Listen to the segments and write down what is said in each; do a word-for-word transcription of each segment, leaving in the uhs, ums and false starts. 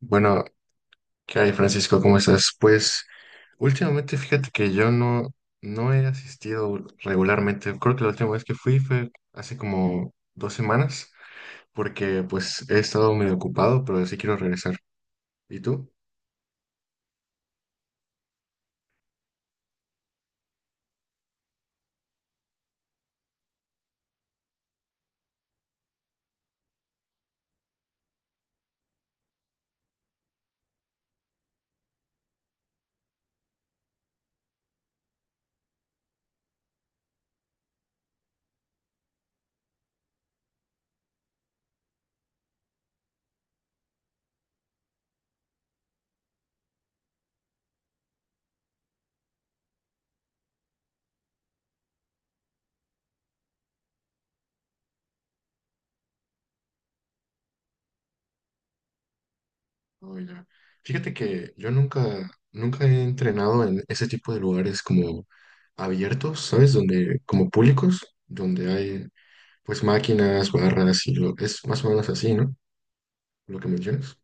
Bueno, ¿qué hay, Francisco? ¿Cómo estás? Pues últimamente fíjate que yo no, no he asistido regularmente. Creo que la última vez que fui fue hace como dos semanas, porque pues he estado medio ocupado, pero sí quiero regresar. ¿Y tú? Oh, ya. Fíjate que yo nunca, nunca he entrenado en ese tipo de lugares como abiertos, ¿sabes? Donde, como públicos, donde hay pues máquinas, barras y lo, es más o menos así, ¿no? Lo que mencionas.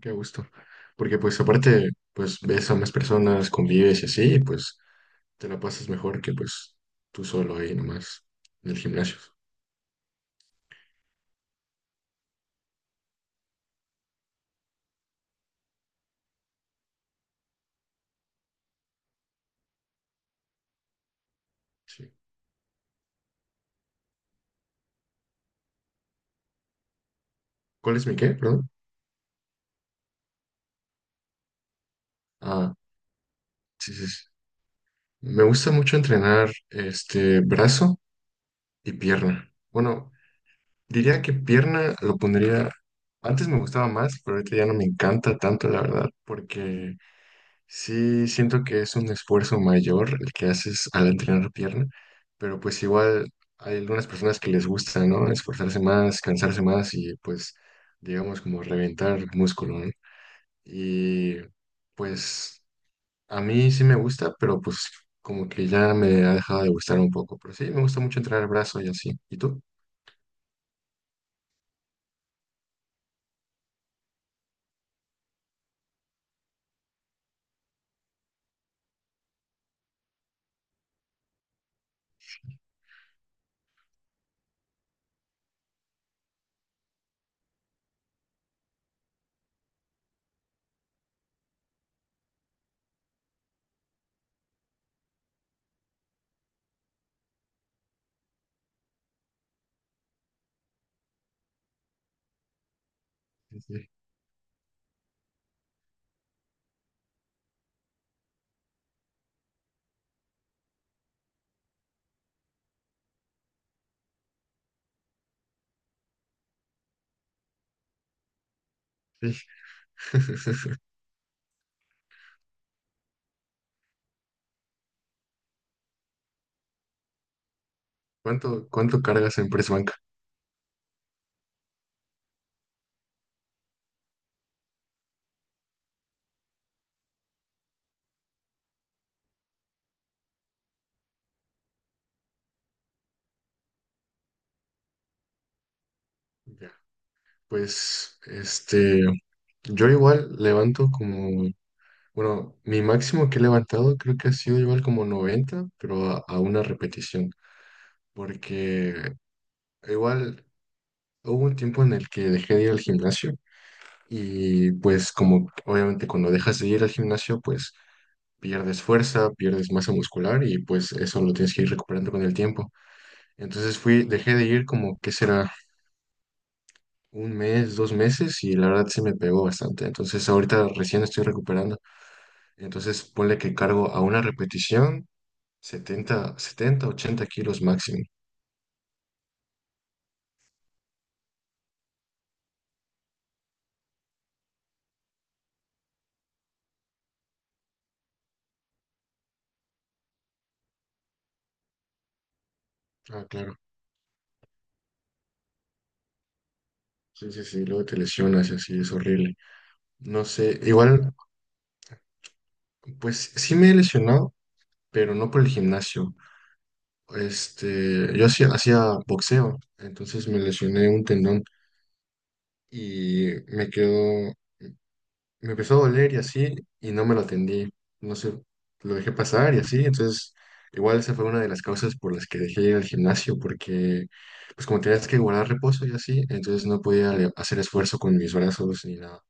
Qué gusto. Porque pues aparte, pues ves a más personas, convives y así, y, pues te la pasas mejor que pues tú solo ahí nomás en el gimnasio. Sí. ¿Cuál es mi qué? Perdón. Ah, sí, sí, sí. Me gusta mucho entrenar este brazo y pierna. Bueno, diría que pierna lo pondría. Antes me gustaba más, pero ahorita ya no me encanta tanto, la verdad, porque sí siento que es un esfuerzo mayor el que haces al entrenar pierna, pero pues igual hay algunas personas que les gusta, ¿no? Esforzarse más, cansarse más y pues, digamos, como reventar músculo, ¿no? Y pues a mí sí me gusta, pero pues como que ya me ha dejado de gustar un poco, pero sí, me gusta mucho entrenar brazo y así. ¿Y tú? Sí, sí. sí. ¿Cuánto, cuánto cargas en press banca? Ya. Pues, este, yo igual levanto como, bueno, mi máximo que he levantado creo que ha sido igual como noventa pero a, a una repetición, porque igual hubo un tiempo en el que dejé de ir al gimnasio y pues como obviamente cuando dejas de ir al gimnasio, pues pierdes fuerza, pierdes masa muscular y pues eso lo tienes que ir recuperando con el tiempo. Entonces fui, dejé de ir como, ¿qué será? Un mes, dos meses y la verdad se me pegó bastante. Entonces ahorita recién estoy recuperando. Entonces ponle que cargo a una repetición setenta, setenta, ochenta kilos máximo. Ah, claro. Sí, sí, sí, luego te lesionas y así es horrible. No sé, igual, pues sí me he lesionado, pero no por el gimnasio. Este, yo hacía, hacía boxeo, entonces me lesioné un tendón y me quedó, me empezó a doler y así, y no me lo atendí. No sé, lo dejé pasar y así. Entonces, igual esa fue una de las causas por las que dejé ir al gimnasio, porque, pues como tenías que guardar reposo y así, entonces no podía le- hacer esfuerzo con mis brazos ni nada.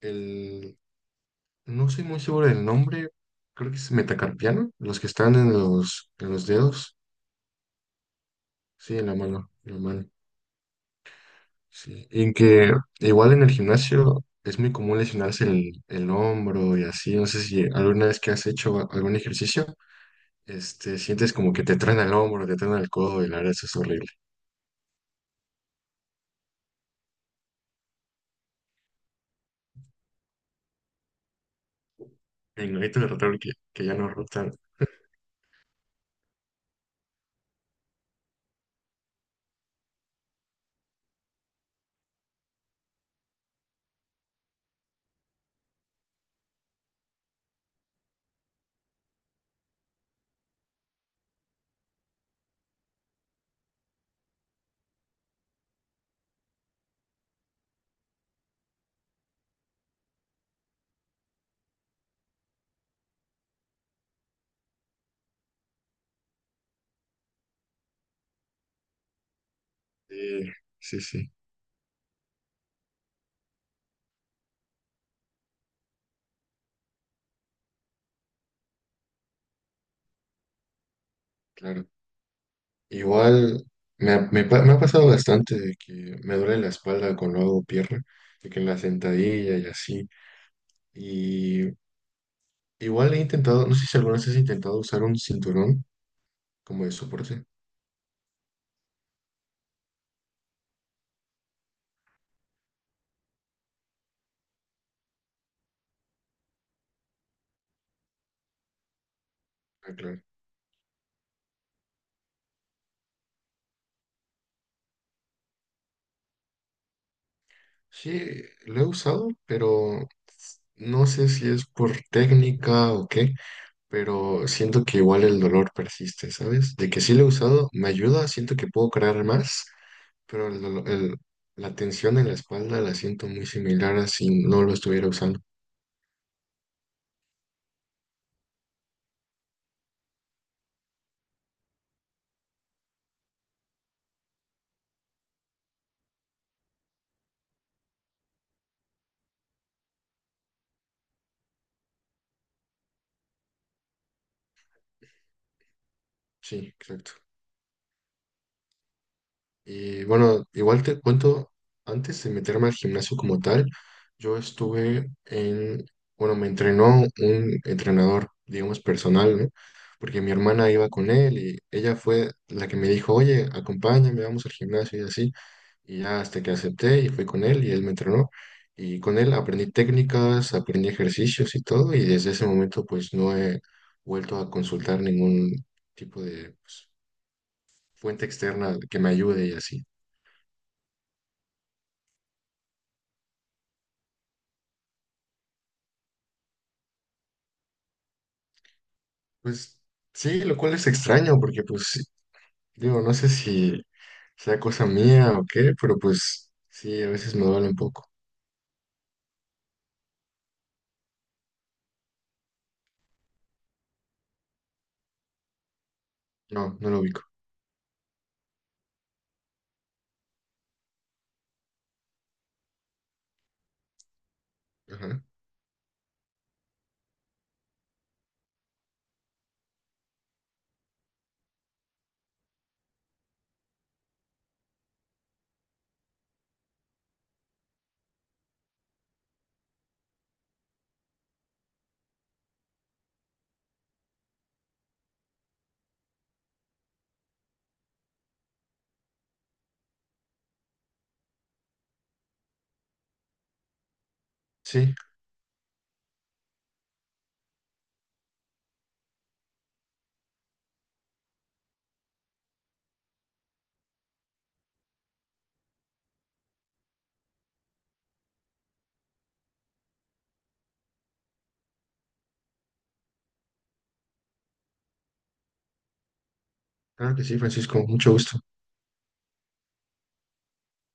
El, no soy muy seguro del nombre, creo que es metacarpiano, los que están en los, en los dedos. Sí, en la mano, en la mano. Sí, y en que igual en el gimnasio es muy común lesionarse el, el hombro y así. No sé si alguna vez que has hecho a- algún ejercicio, este, sientes como que te traen el hombro, te traen el codo y la verdad eso es horrible. Me imagino de rotar que, que ya no rotan. Sí, sí, sí, claro. Igual me, ha- me, pa- me ha pasado bastante de que me duele la espalda cuando hago pierna, de que en la sentadilla y así. Y igual he intentado, no sé si alguna vez has intentado usar un cinturón como de soporte. Ah, claro. Sí, lo he usado, pero no sé si es por técnica o qué, pero siento que igual el dolor persiste, ¿sabes? De que sí lo he usado, me ayuda, siento que puedo crear más, pero el dolo- el- la tensión en la espalda la siento muy similar a si no lo estuviera usando. Sí, exacto. Y bueno, igual te cuento, antes de meterme al gimnasio como tal, yo estuve en, bueno, me entrenó un entrenador, digamos, personal, ¿no? Porque mi hermana iba con él y ella fue la que me dijo, oye, acompáñame, vamos al gimnasio y así. Y ya hasta que acepté y fui con él y él me entrenó. Y con él aprendí técnicas, aprendí ejercicios y todo. Y desde ese momento pues no he vuelto a consultar ningún tipo de pues, fuente externa que me ayude y así. Pues sí, lo cual es extraño porque pues sí, digo, no sé si sea cosa mía o qué, pero pues sí, a veces me duele un poco. No, no lo ubico. Ajá. Sí, claro que sí, Francisco, mucho gusto.